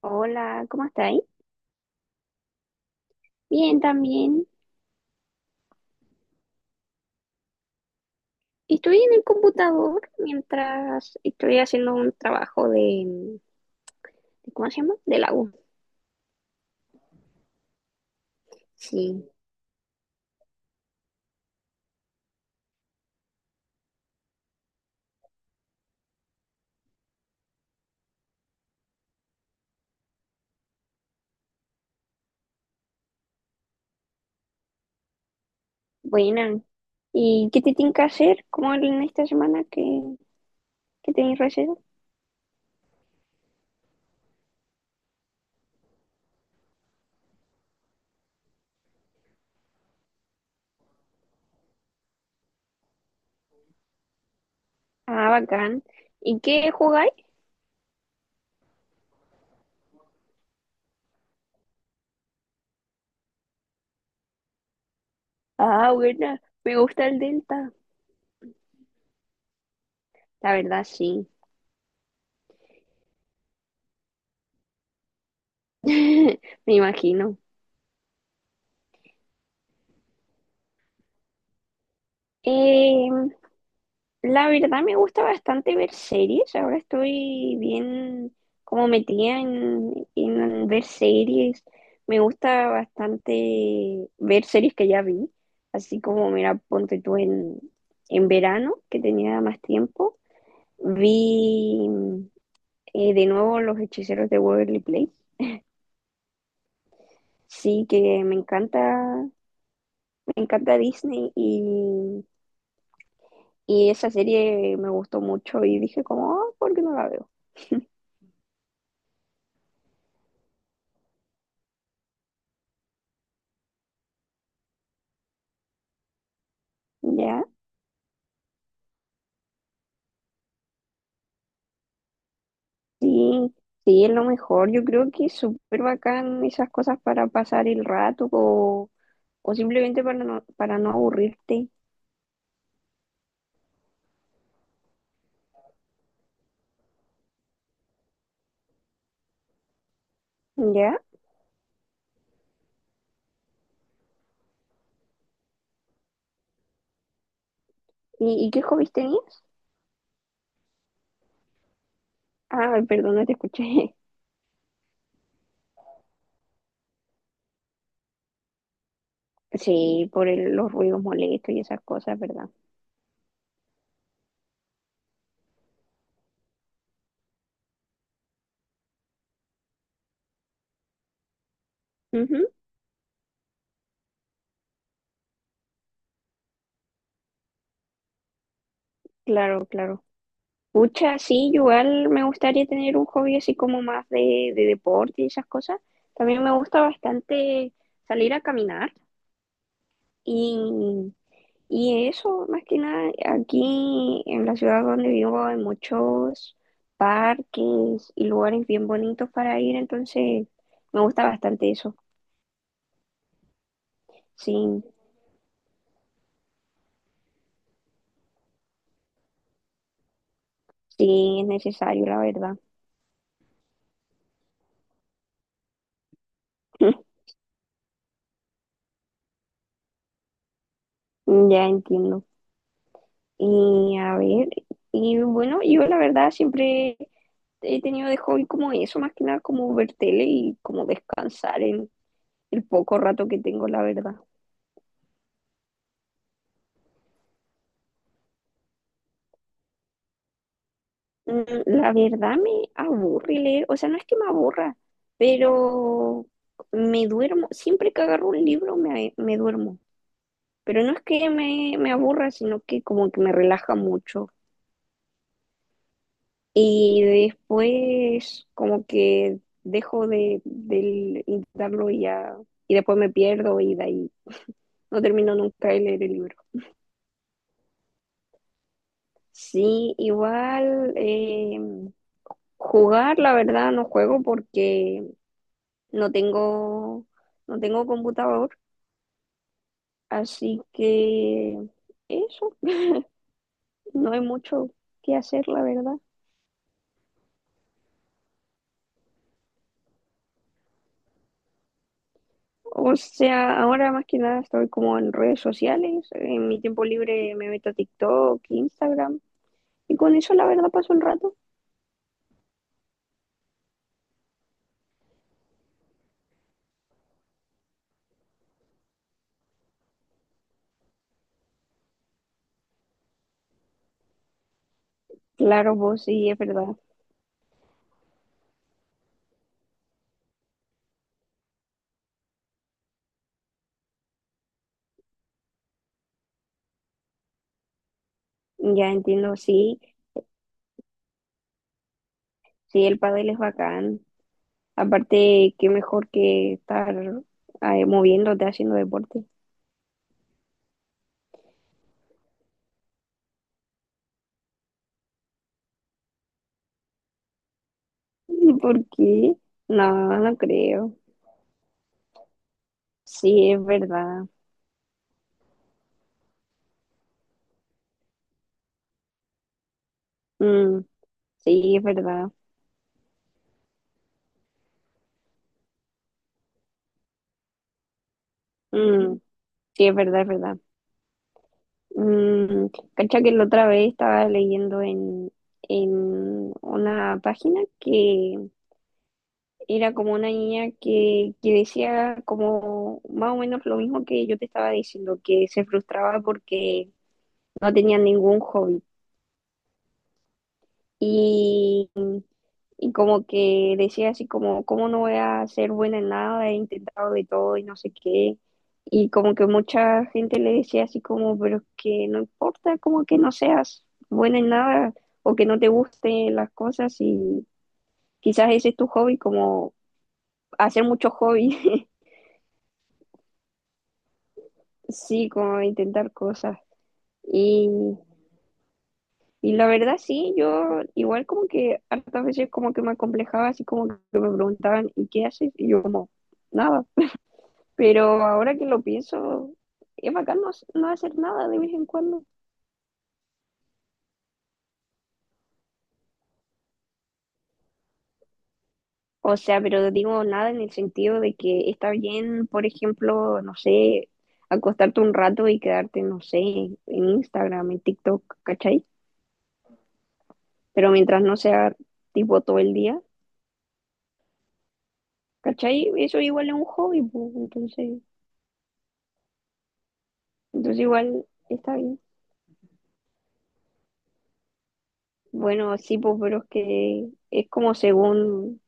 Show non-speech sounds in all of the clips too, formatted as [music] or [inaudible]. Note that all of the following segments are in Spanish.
Hola, ¿cómo estáis? Bien, también. Estoy en el computador mientras estoy haciendo un trabajo de- ¿cómo se llama? De la U. Sí, buena. ¿Y qué te tienen que hacer? ¿Cómo en esta semana que, tenéis receso? Ah, bacán. ¿Y qué jugáis? Ah, buena. Me gusta el Delta. La verdad, sí. [laughs] Me imagino. La verdad me gusta bastante ver series, ahora estoy bien como metida en ver series, me gusta bastante ver series que ya vi, así como mira, ponte tú en verano, que tenía más tiempo, vi de nuevo Los Hechiceros de Waverly Place, sí que me encanta Disney y esa serie me gustó mucho y dije como, "Ah, ¿por qué no la veo?" Ya. Sí, sí, es lo mejor. Yo creo que es súper bacán esas cosas para pasar el rato o simplemente para no aburrirte, ¿ya? Y qué hobbies tenías? Ah, perdón, no te escuché. [laughs] Sí, por el- los ruidos molestos y esas cosas, ¿verdad? Ujú, claro, claro. Pucha, sí, yo igual me gustaría tener un hobby así como más de deporte y esas cosas. También me gusta bastante salir a caminar y Y eso, más que nada, aquí en la ciudad donde vivo hay muchos parques y lugares bien bonitos para ir, entonces me gusta bastante eso. Sí, sí, es necesario, la verdad. [laughs] Ya entiendo. Y a ver, y bueno, yo la verdad siempre he tenido de hobby como eso, más que nada como ver tele y como descansar en el poco rato que tengo, la verdad. Mm, la verdad me aburre leer, o sea, no es que me aburra, pero me duermo, siempre que agarro un libro me duermo, pero no es que me aburra, sino que como que me relaja mucho. Y después como que dejo de intentarlo y ya, y después me pierdo y de ahí no termino nunca de leer el libro. Sí, igual jugar, la verdad, no juego porque no tengo, no tengo computador, así que eso, no hay mucho que hacer, la verdad. O sea, ahora más que nada estoy como en redes sociales, en mi tiempo libre me meto a TikTok, Instagram, y con eso la verdad paso el rato. Claro, vos sí, es verdad. Ya entiendo, sí, sí, el pádel es bacán. Aparte, qué mejor que estar moviéndote, haciendo deporte. [laughs] ¿Por qué? No, no creo. Sí, es verdad. Mm, sí, es verdad. Mm, sí, es verdad, es verdad. Mm, cacha que la otra vez estaba leyendo en una página que era como una niña que decía como más o menos lo mismo que yo te estaba diciendo, que se frustraba porque no tenía ningún hobby. Y como que decía así como, ¿cómo no voy a ser buena en nada? He intentado de todo y no sé qué. Y como que mucha gente le decía así como, pero es que no importa, como que no seas buena en nada o que no te gusten las cosas y quizás ese es tu hobby, como hacer muchos hobbies, [laughs] sí, como intentar cosas. Y, y la verdad sí, yo igual como que hartas veces como que me acomplejaba así como que me preguntaban, ¿y qué haces? Y yo como, nada. Pero ahora que lo pienso, es bacán no, hac- no hacer nada de vez en cuando. O sea, pero digo nada en el sentido de que está bien, por ejemplo, no sé, acostarte un rato y quedarte, no sé, en Instagram, en TikTok, ¿cachai? Pero mientras no sea tipo todo el día, ¿cachai? Eso igual es un hobby, pues, entonces, entonces igual está bien. Bueno, sí, pues, pero es que es como según,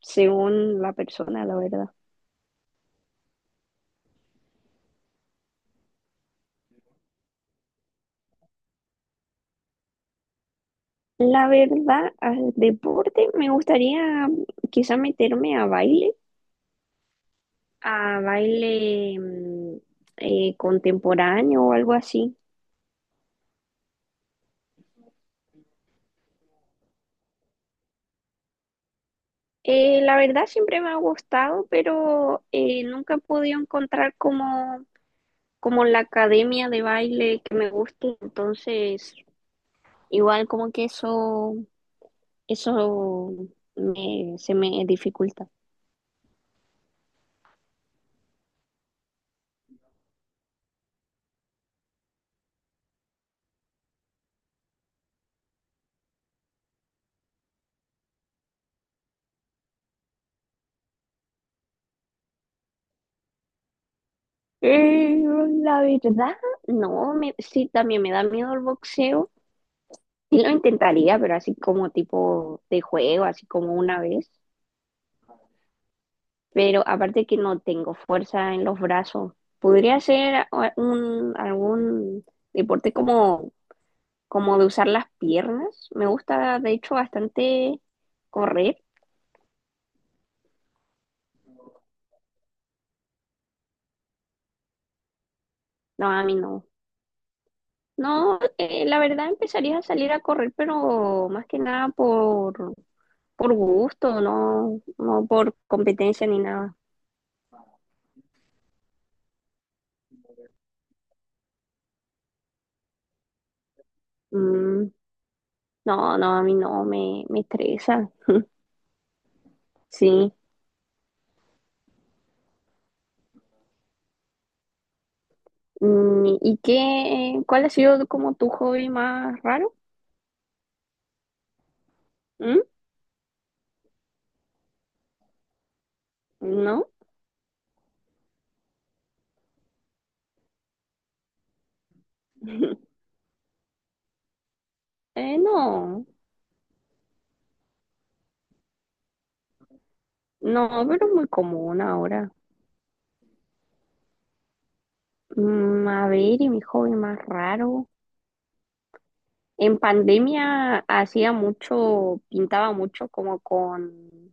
según la persona, la verdad. La verdad, al deporte me gustaría quizá meterme a baile contemporáneo o algo así. La verdad siempre me ha gustado, pero nunca he podido encontrar como, como la academia de baile que me guste. Entonces, igual como que eso me- se me dificulta. Eh, la verdad, no, me, sí, también me da miedo el boxeo. Sí lo intentaría, pero así como tipo de juego, así como una vez. Pero aparte que no tengo fuerza en los brazos. Podría ser a- un, algún deporte como, como de usar las piernas. Me gusta, de hecho, bastante correr. No, a mí no. No, la verdad empezaría a salir a correr, pero más que nada por, por gusto, no, no por competencia ni nada. Mm, no, no, a mí no, me estresa. Sí, mm, ¿y qué, cuál ha sido como tu hobby más raro? ¿Mm? ¿No? No, no, pero es muy común ahora. Mm, a ver, ¿y mi hobby más raro? En pandemia hacía mucho, pintaba mucho como con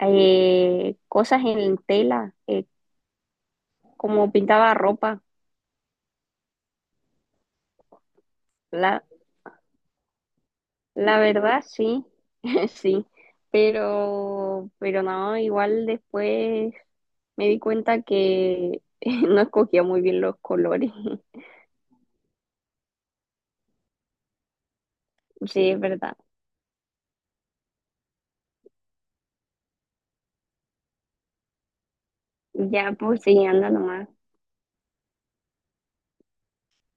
cosas en tela, como pintaba ropa. La, la verdad, sí, [laughs] sí, pero no, igual después. Me di cuenta que [laughs] no escogía muy bien los colores. [laughs] Sí, es verdad. Ya, pues, sí, anda nomás.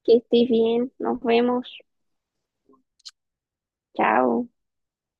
Que estés bien. Nos vemos. Chao.